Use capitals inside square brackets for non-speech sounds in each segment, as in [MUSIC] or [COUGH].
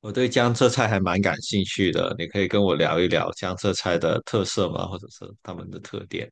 我对江浙菜还蛮感兴趣的，你可以跟我聊一聊江浙菜的特色吗？或者是他们的特点？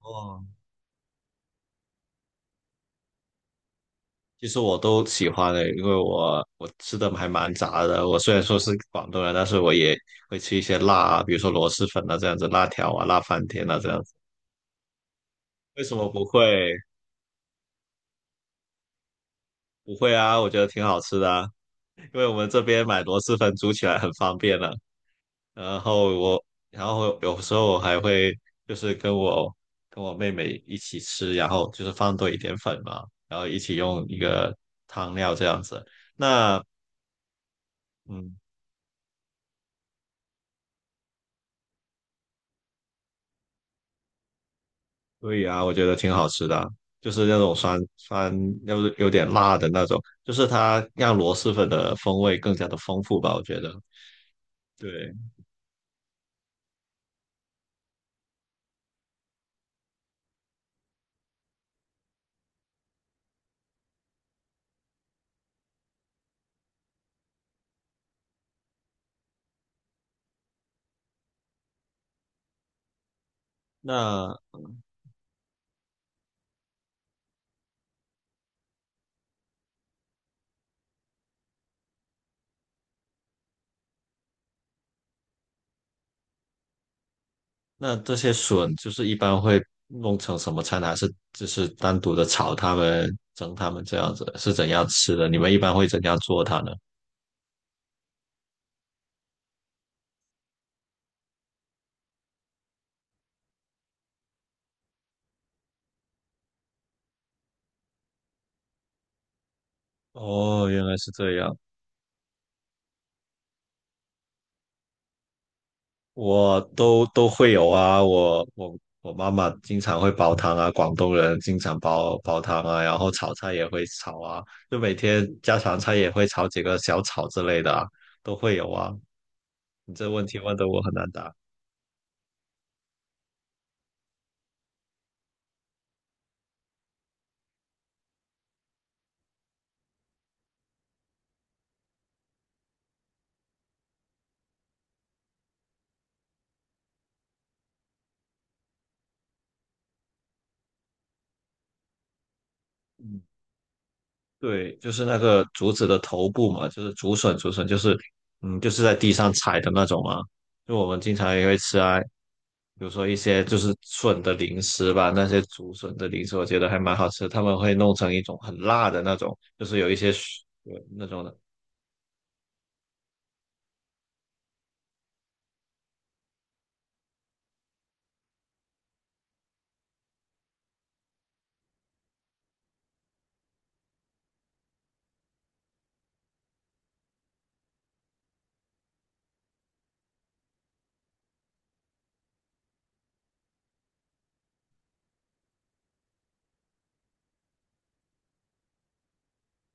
哦，其实我都喜欢的，因为我吃的还蛮杂的。我虽然说是广东人，但是我也会吃一些辣啊，比如说螺蛳粉啊这样子，辣条啊，辣翻天啊这样子。为什么不会？不会啊，我觉得挺好吃的啊，因为我们这边买螺蛳粉煮起来很方便啊。然后我，然后有时候我还会就是跟我妹妹一起吃，然后就是放多一点粉嘛，然后一起用一个汤料这样子。那嗯，对呀，我觉得挺好吃的啊，就是那种酸酸，要是有点辣的那种，就是它让螺蛳粉的风味更加的丰富吧，我觉得。对，那那这些笋就是一般会弄成什么菜呢？还是就是单独的炒它们、蒸它们这样子？是怎样吃的？你们一般会怎样做它呢？哦，原来是这样，我都会有啊。我妈妈经常会煲汤啊，广东人经常煲汤啊，然后炒菜也会炒啊，就每天家常菜也会炒几个小炒之类的啊，都会有啊。你这问题问的我很难答。对，就是那个竹子的头部嘛，就是竹笋，竹笋就是，嗯，就是在地上采的那种嘛。就我们经常也会吃啊，比如说一些就是笋的零食吧，那些竹笋的零食，我觉得还蛮好吃。他们会弄成一种很辣的那种，就是有一些笋那种的。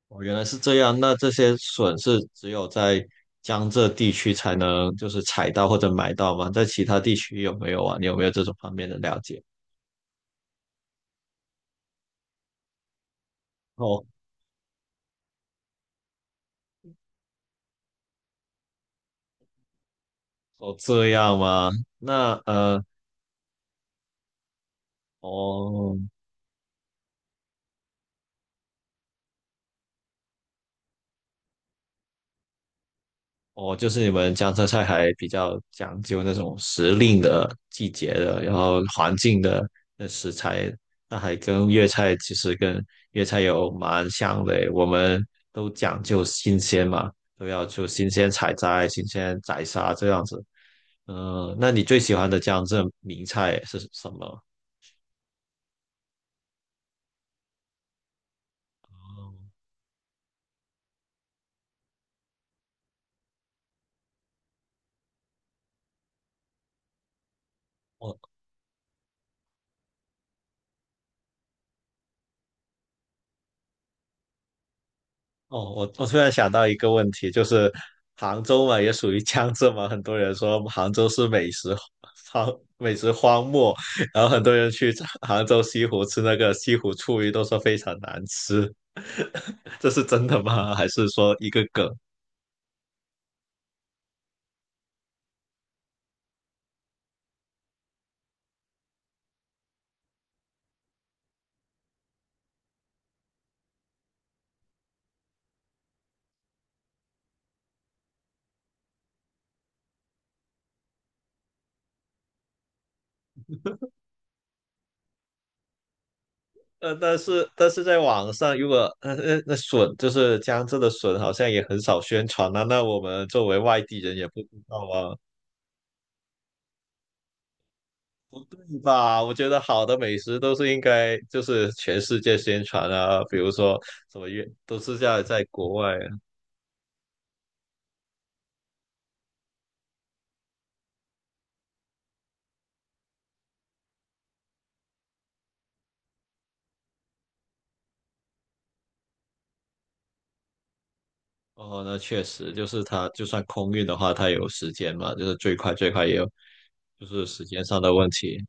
哦，原来是这样。那这些笋是只有在江浙地区才能就是采到或者买到吗？在其他地区有没有啊？你有没有这种方面的了解？哦哦，这样吗？那哦哦，就是你们江浙菜还比较讲究那种时令的、季节的，然后环境的那食材，那还跟粤菜其实跟粤菜有蛮像的诶，我们都讲究新鲜嘛，都要就新鲜采摘、新鲜宰杀这样子。嗯、那你最喜欢的江浙名菜是什么？哦哦，我突然想到一个问题，就是杭州嘛，也属于江浙嘛，很多人说杭州是美食荒 [LAUGHS] 美食荒漠，然后很多人去杭州西湖吃那个西湖醋鱼，都说非常难吃，[LAUGHS] 这是真的吗？还是说一个梗？但是在网上，如果那笋就是江浙的笋，好像也很少宣传啊，那我们作为外地人也不知道啊。是吧？我觉得好的美食都是应该就是全世界宣传啊，比如说什么运都是在国外啊。哦，那确实就是它，就算空运的话，它有时间嘛，就是最快也有，就是时间上的问题。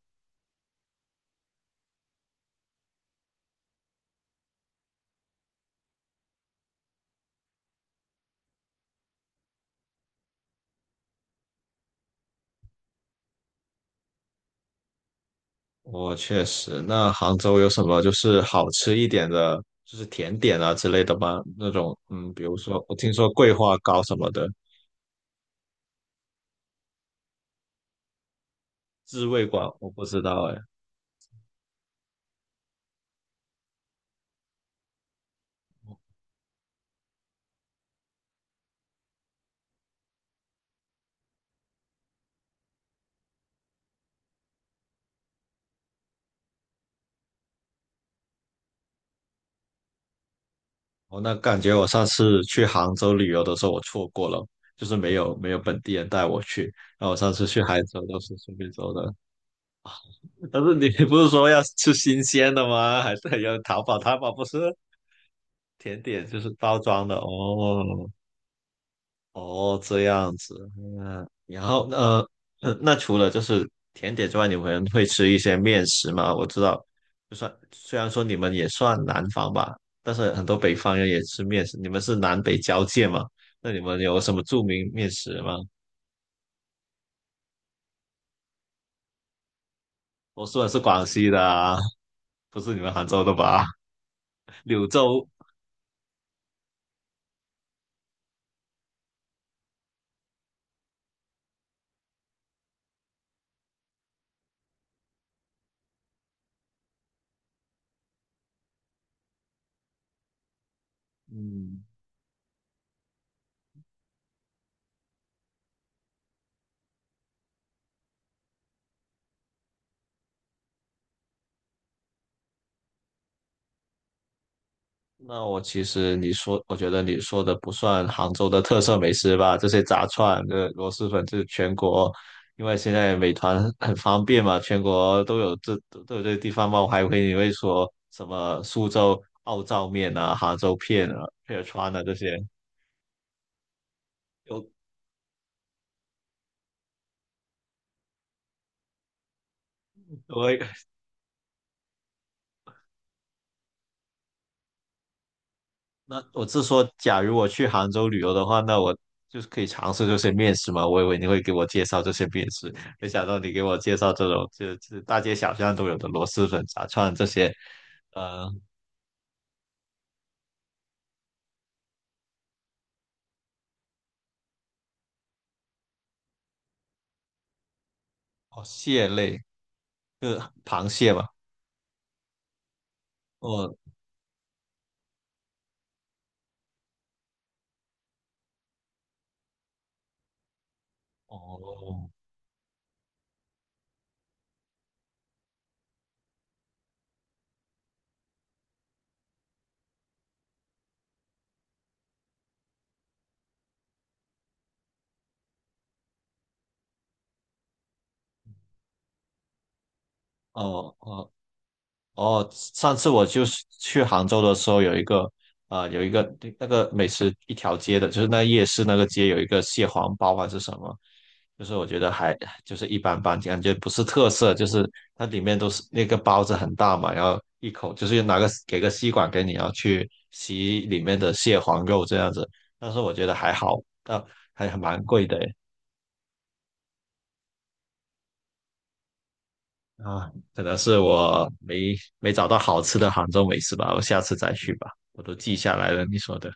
我确实，那杭州有什么就是好吃一点的，就是甜点啊之类的吗？那种嗯，比如说我听说桂花糕什么的，滋味馆我不知道哎。哦，那感觉我上次去杭州旅游的时候，我错过了，就是没有本地人带我去。然后我上次去杭州都是顺便走的，[LAUGHS] 但是你不是说要吃新鲜的吗？还是要淘宝？淘宝不是甜点就是包装的哦。哦，这样子，嗯，然后那除了就是甜点之外，你们会吃一些面食吗？我知道，就算虽然说你们也算南方吧，但是很多北方人也吃面食。你们是南北交界嘛？那你们有什么著名面食吗？我说的是广西的啊，不是你们杭州的吧？[LAUGHS] 柳州，嗯，那我其实你说，我觉得你说的不算杭州的特色美食吧，这些炸串、这螺蛳粉，这全国，因为现在美团很方便嘛，全国都有都有这些地方嘛，我还以为你会说什么苏州奥灶面啊、杭州片啊、片川啊这些，我我那我是说，假如我去杭州旅游的话，那我就是可以尝试这些面食嘛。我以为你会给我介绍这些面食，没想到你给我介绍这种就是大街小巷都有的螺蛳粉、炸串这些，呃，哦，蟹类，就是螃蟹嘛。哦哦哦哦，哦，上次我就是去杭州的时候，有一个有一个那个美食一条街的，就是那夜市那个街有一个蟹黄包还是什么，就是我觉得就是一般般，感觉不是特色，就是它里面都是那个包子很大嘛，然后一口就是拿个给个吸管给你，然后去吸里面的蟹黄肉这样子，但是我觉得还好，但还蛮贵的啊，可能是我没找到好吃的杭州美食吧，我下次再去吧，我都记下来了你说的。